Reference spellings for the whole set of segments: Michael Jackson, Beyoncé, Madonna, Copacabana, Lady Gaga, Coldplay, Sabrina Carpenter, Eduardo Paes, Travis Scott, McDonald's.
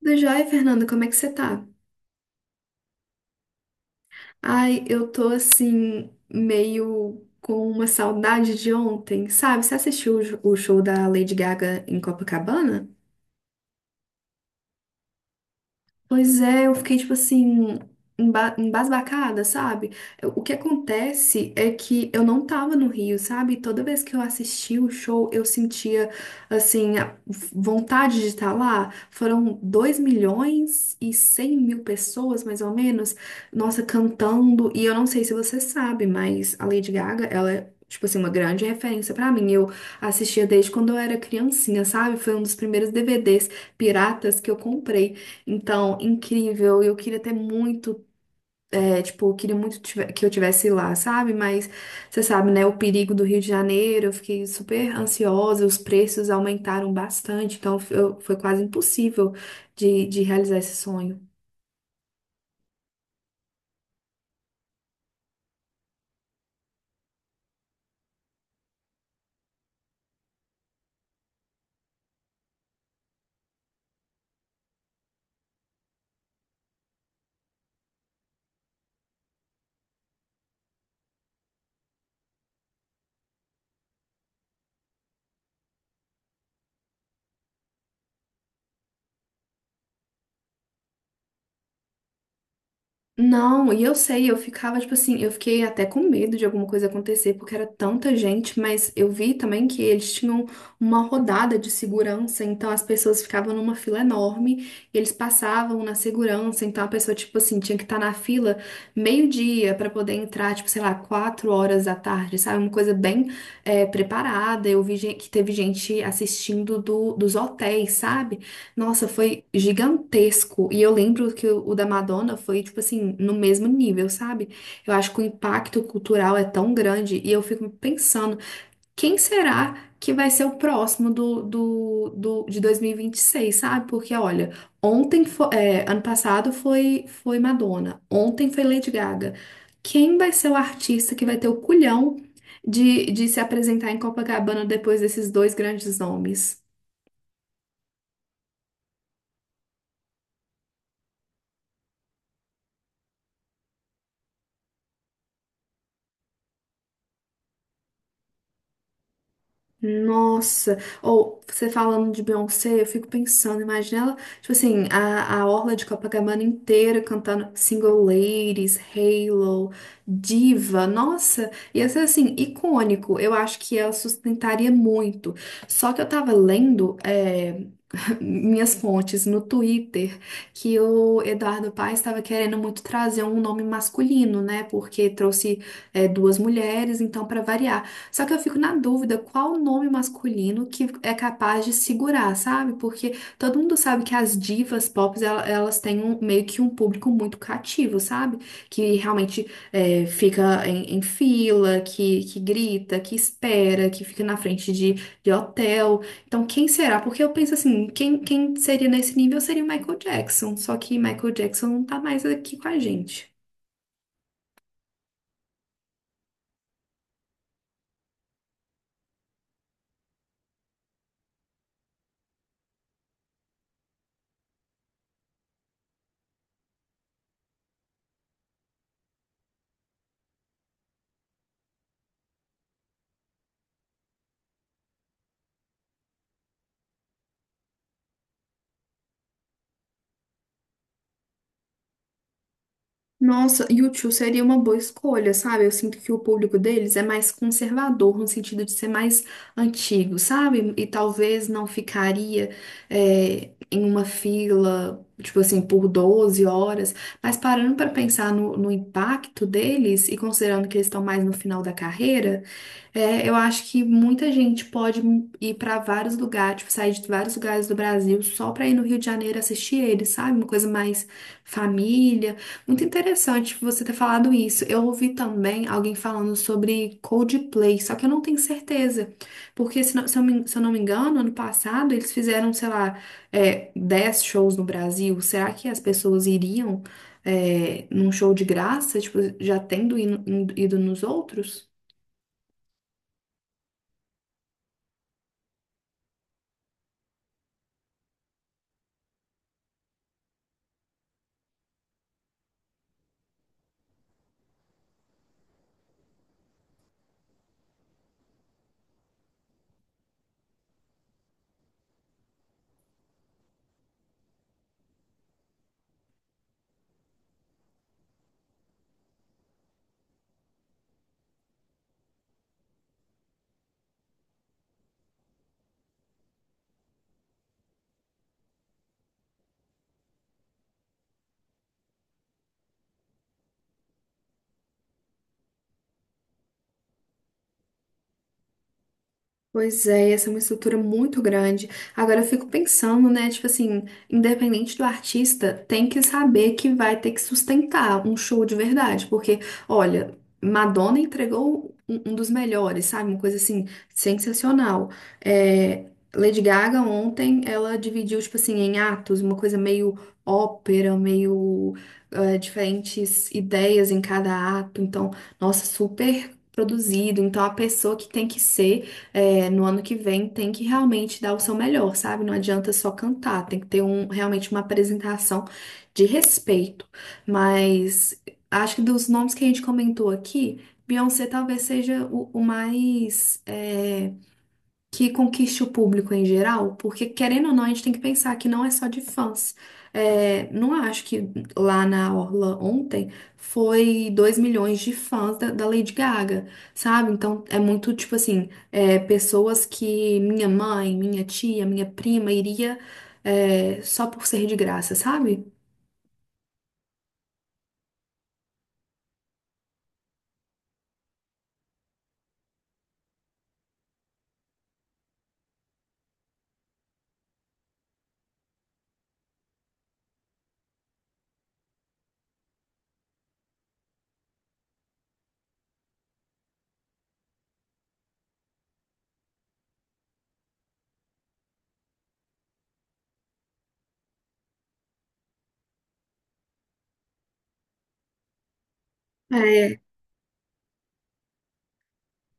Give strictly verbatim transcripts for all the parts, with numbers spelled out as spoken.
Tudo jóia, Fernanda? Como é que você tá? Ai, eu tô assim, meio com uma saudade de ontem, sabe? Você assistiu o jo- o show da Lady Gaga em Copacabana? Pois é, eu fiquei tipo assim, emba embasbacada, sabe? Eu- O que acontece é que eu não tava no Rio, sabe? Toda vez que eu assistia o show, eu sentia, assim, a vontade de estar lá. Foram dois milhões e cem mil pessoas, mais ou menos, nossa, cantando. E eu não sei se você sabe, mas a Lady Gaga, ela é. Tipo assim, uma grande referência pra mim. Eu assistia desde quando eu era criancinha, sabe? Foi um dos primeiros D V Ds piratas que eu comprei. Então, incrível. Eu queria ter muito, é, tipo, eu queria muito tive- que eu tivesse lá, sabe? Mas você sabe, né, o perigo do Rio de Janeiro, eu fiquei super ansiosa, os preços aumentaram bastante, então eu- foi quase impossível de, de realizar esse sonho. Não, e eu sei, eu ficava, tipo assim, eu fiquei até com medo de alguma coisa acontecer, porque era tanta gente, mas eu vi também que eles tinham uma rodada de segurança, então as pessoas ficavam numa fila enorme, e eles passavam na segurança, então a pessoa, tipo assim, tinha que estar na fila meio-dia pra poder entrar, tipo, sei lá, quatro horas da tarde, sabe? Uma coisa bem eh, preparada. Eu vi gen- que teve gente assistindo do, dos hotéis, sabe? Nossa, foi gigantesco. E eu lembro que o o da Madonna foi, tipo assim, no mesmo nível, sabe? Eu acho que o impacto cultural é tão grande. E eu fico pensando, quem será que vai ser o próximo do, do, do, de dois mil e vinte e seis, sabe? Porque, olha, ontem foi, ano passado foi, foi Madonna, ontem foi Lady Gaga. Quem vai ser o artista que vai ter o culhão de, de se apresentar em Copacabana depois desses dois grandes nomes? Nossa, ou você falando de Beyoncé, eu fico pensando, imagina ela, tipo assim, a, a orla de Copacabana inteira cantando Single Ladies, Halo, Diva, nossa, ia ser assim, icônico, eu acho que ela sustentaria muito. Só que eu tava lendo, eh, minhas fontes no Twitter que o Eduardo Paes estava querendo muito trazer um nome masculino, né? Porque trouxe é, duas mulheres, então para variar. Só que eu fico na dúvida qual nome masculino que é capaz de segurar, sabe? Porque todo mundo sabe que as divas pop ela- elas têm um- meio que um público muito cativo, sabe? Que realmente é, fica em, em fila, que, que grita, que espera, que fica na frente de de hotel. Então, quem será? Porque eu penso assim, quem, quem seria nesse nível seria o Michael Jackson. Só que Michael Jackson não tá mais aqui com a gente. Nossa, u seria uma boa escolha, sabe? Eu sinto que o público deles é mais conservador, no sentido de ser mais antigo, sabe? E talvez não ficaria é, em uma fila, tipo assim, por doze horas. Mas parando para pensar no, no impacto deles e considerando que eles estão mais no final da carreira, é, eu acho que muita gente pode ir para vários lugares, tipo, sair de vários lugares do Brasil só para ir no Rio de Janeiro assistir eles, sabe? Uma coisa mais família, muito interessante você ter falado isso. Eu ouvi também alguém falando sobre Coldplay, só que eu não tenho certeza. Porque, se, não- se eu, me- se eu não me engano, ano passado eles fizeram, sei lá, é, dez shows no Brasil. Será que as pessoas iriam, é, num show de graça, tipo, já tendo ido, ido nos outros? Pois é, essa é uma estrutura muito grande. Agora eu fico pensando, né? Tipo assim, independente do artista, tem que saber que vai ter que sustentar um show de verdade. Porque, olha, Madonna entregou um, um dos melhores, sabe? Uma coisa assim, sensacional. É, Lady Gaga ontem, ela dividiu, tipo assim, em atos, uma coisa meio ópera, meio eh, diferentes ideias em cada ato. Então, nossa, super. Produzido, então a pessoa que tem que ser é, no ano que vem tem que realmente dar o seu melhor, sabe? Não adianta só cantar, tem que ter um, realmente uma apresentação de respeito. Mas acho que dos nomes que a gente comentou aqui, Beyoncé talvez seja o, o mais. É, que conquiste o público em geral, porque querendo ou não, a gente tem que pensar que não é só de fãs. É, não acho que lá na Orla ontem foi dois milhões de fãs da, da Lady Gaga, sabe? Então é muito tipo assim, é, pessoas que minha mãe, minha tia, minha prima iria, é, só por ser de graça, sabe?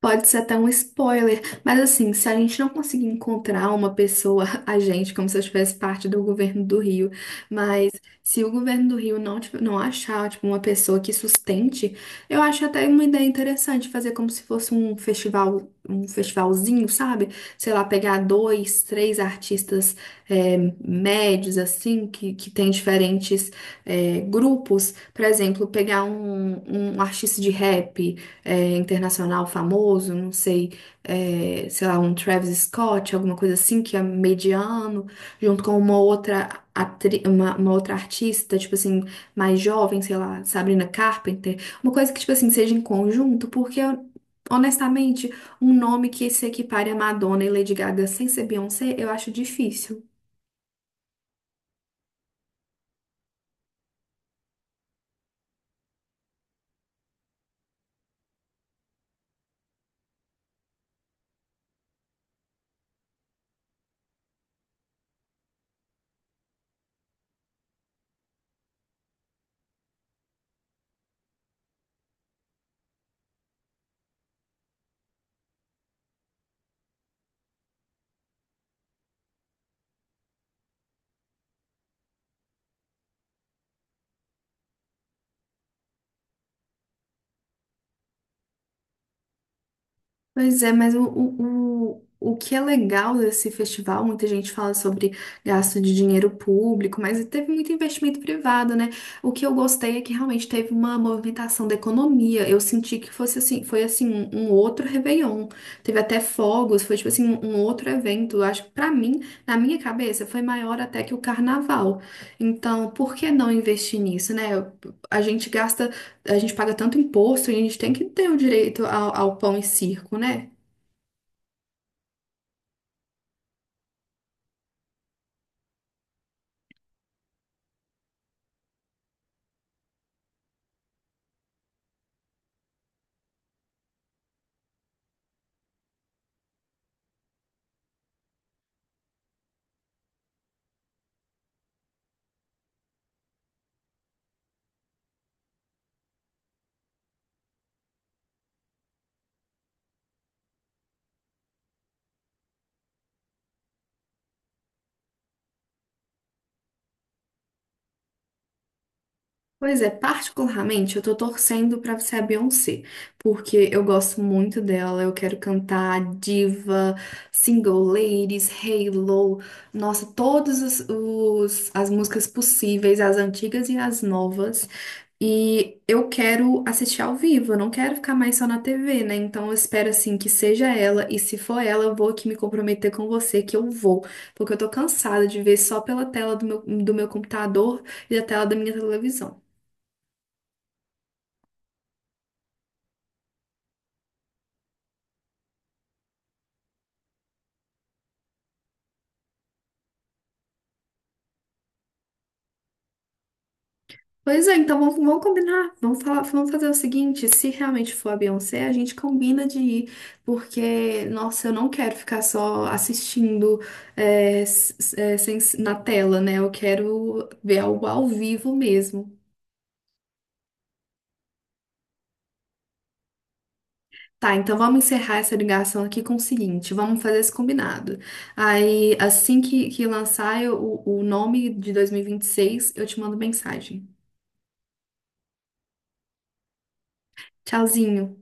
Pode ser até um spoiler, mas assim, se a gente não conseguir encontrar uma pessoa, a gente, como se eu tivesse parte do governo do Rio, mas se o governo do Rio não, tiv- não achar, tipo, uma pessoa que sustente, eu acho até uma ideia interessante fazer como se fosse um festival, um festivalzinho, sabe? Sei lá, pegar dois, três artistas é, médios, assim, que, que tem diferentes é, grupos, por exemplo, pegar um, um artista de rap é, internacional famoso, não sei, é, sei lá, um Travis Scott, alguma coisa assim, que é mediano, junto com uma outra, atri- uma, uma outra artista, tipo assim, mais jovem, sei lá, Sabrina Carpenter, uma coisa que, tipo assim, seja em conjunto, porque, honestamente, um nome que se equipare a Madonna e Lady Gaga sem ser Beyoncé, eu acho difícil. Pois é, mas o, o, o, o que é legal desse festival, muita gente fala sobre gasto de dinheiro público, mas teve muito investimento privado, né? O que eu gostei é que realmente teve uma movimentação da economia. Eu senti que fosse assim, foi assim, um, um outro Réveillon. Teve até fogos, foi tipo assim, um, um outro evento. Eu acho que pra mim, na minha cabeça, foi maior até que o carnaval. Então, por que não investir nisso, né? A gente gasta, a gente paga tanto imposto e a gente tem que ter o direito ao, ao pão e circo, né? Pois é, particularmente eu tô torcendo pra ser a Beyoncé, porque eu gosto muito dela, eu quero cantar Diva, Single Ladies, Halo, nossa, todas as, os- as músicas possíveis, as antigas e as novas. E eu quero assistir ao vivo, eu não quero ficar mais só na T V, né? Então eu espero assim que seja ela, e se for ela, eu vou aqui me comprometer com você que eu vou, porque eu tô cansada de ver só pela tela do meu, do meu computador e a tela da minha televisão. Pois é, então vamos, vamos combinar, vamos falar, vamos fazer o seguinte, se realmente for a Beyoncé, a gente combina de ir, porque, nossa, eu não quero ficar só assistindo é, s- s- é, sem- na tela, né? Eu quero ver algo ao vivo mesmo. Tá, então vamos encerrar essa ligação aqui com o seguinte, vamos fazer esse combinado. Aí, assim que, que lançar eu- o, o nome de dois mil e vinte e seis, eu te mando mensagem. Tchauzinho.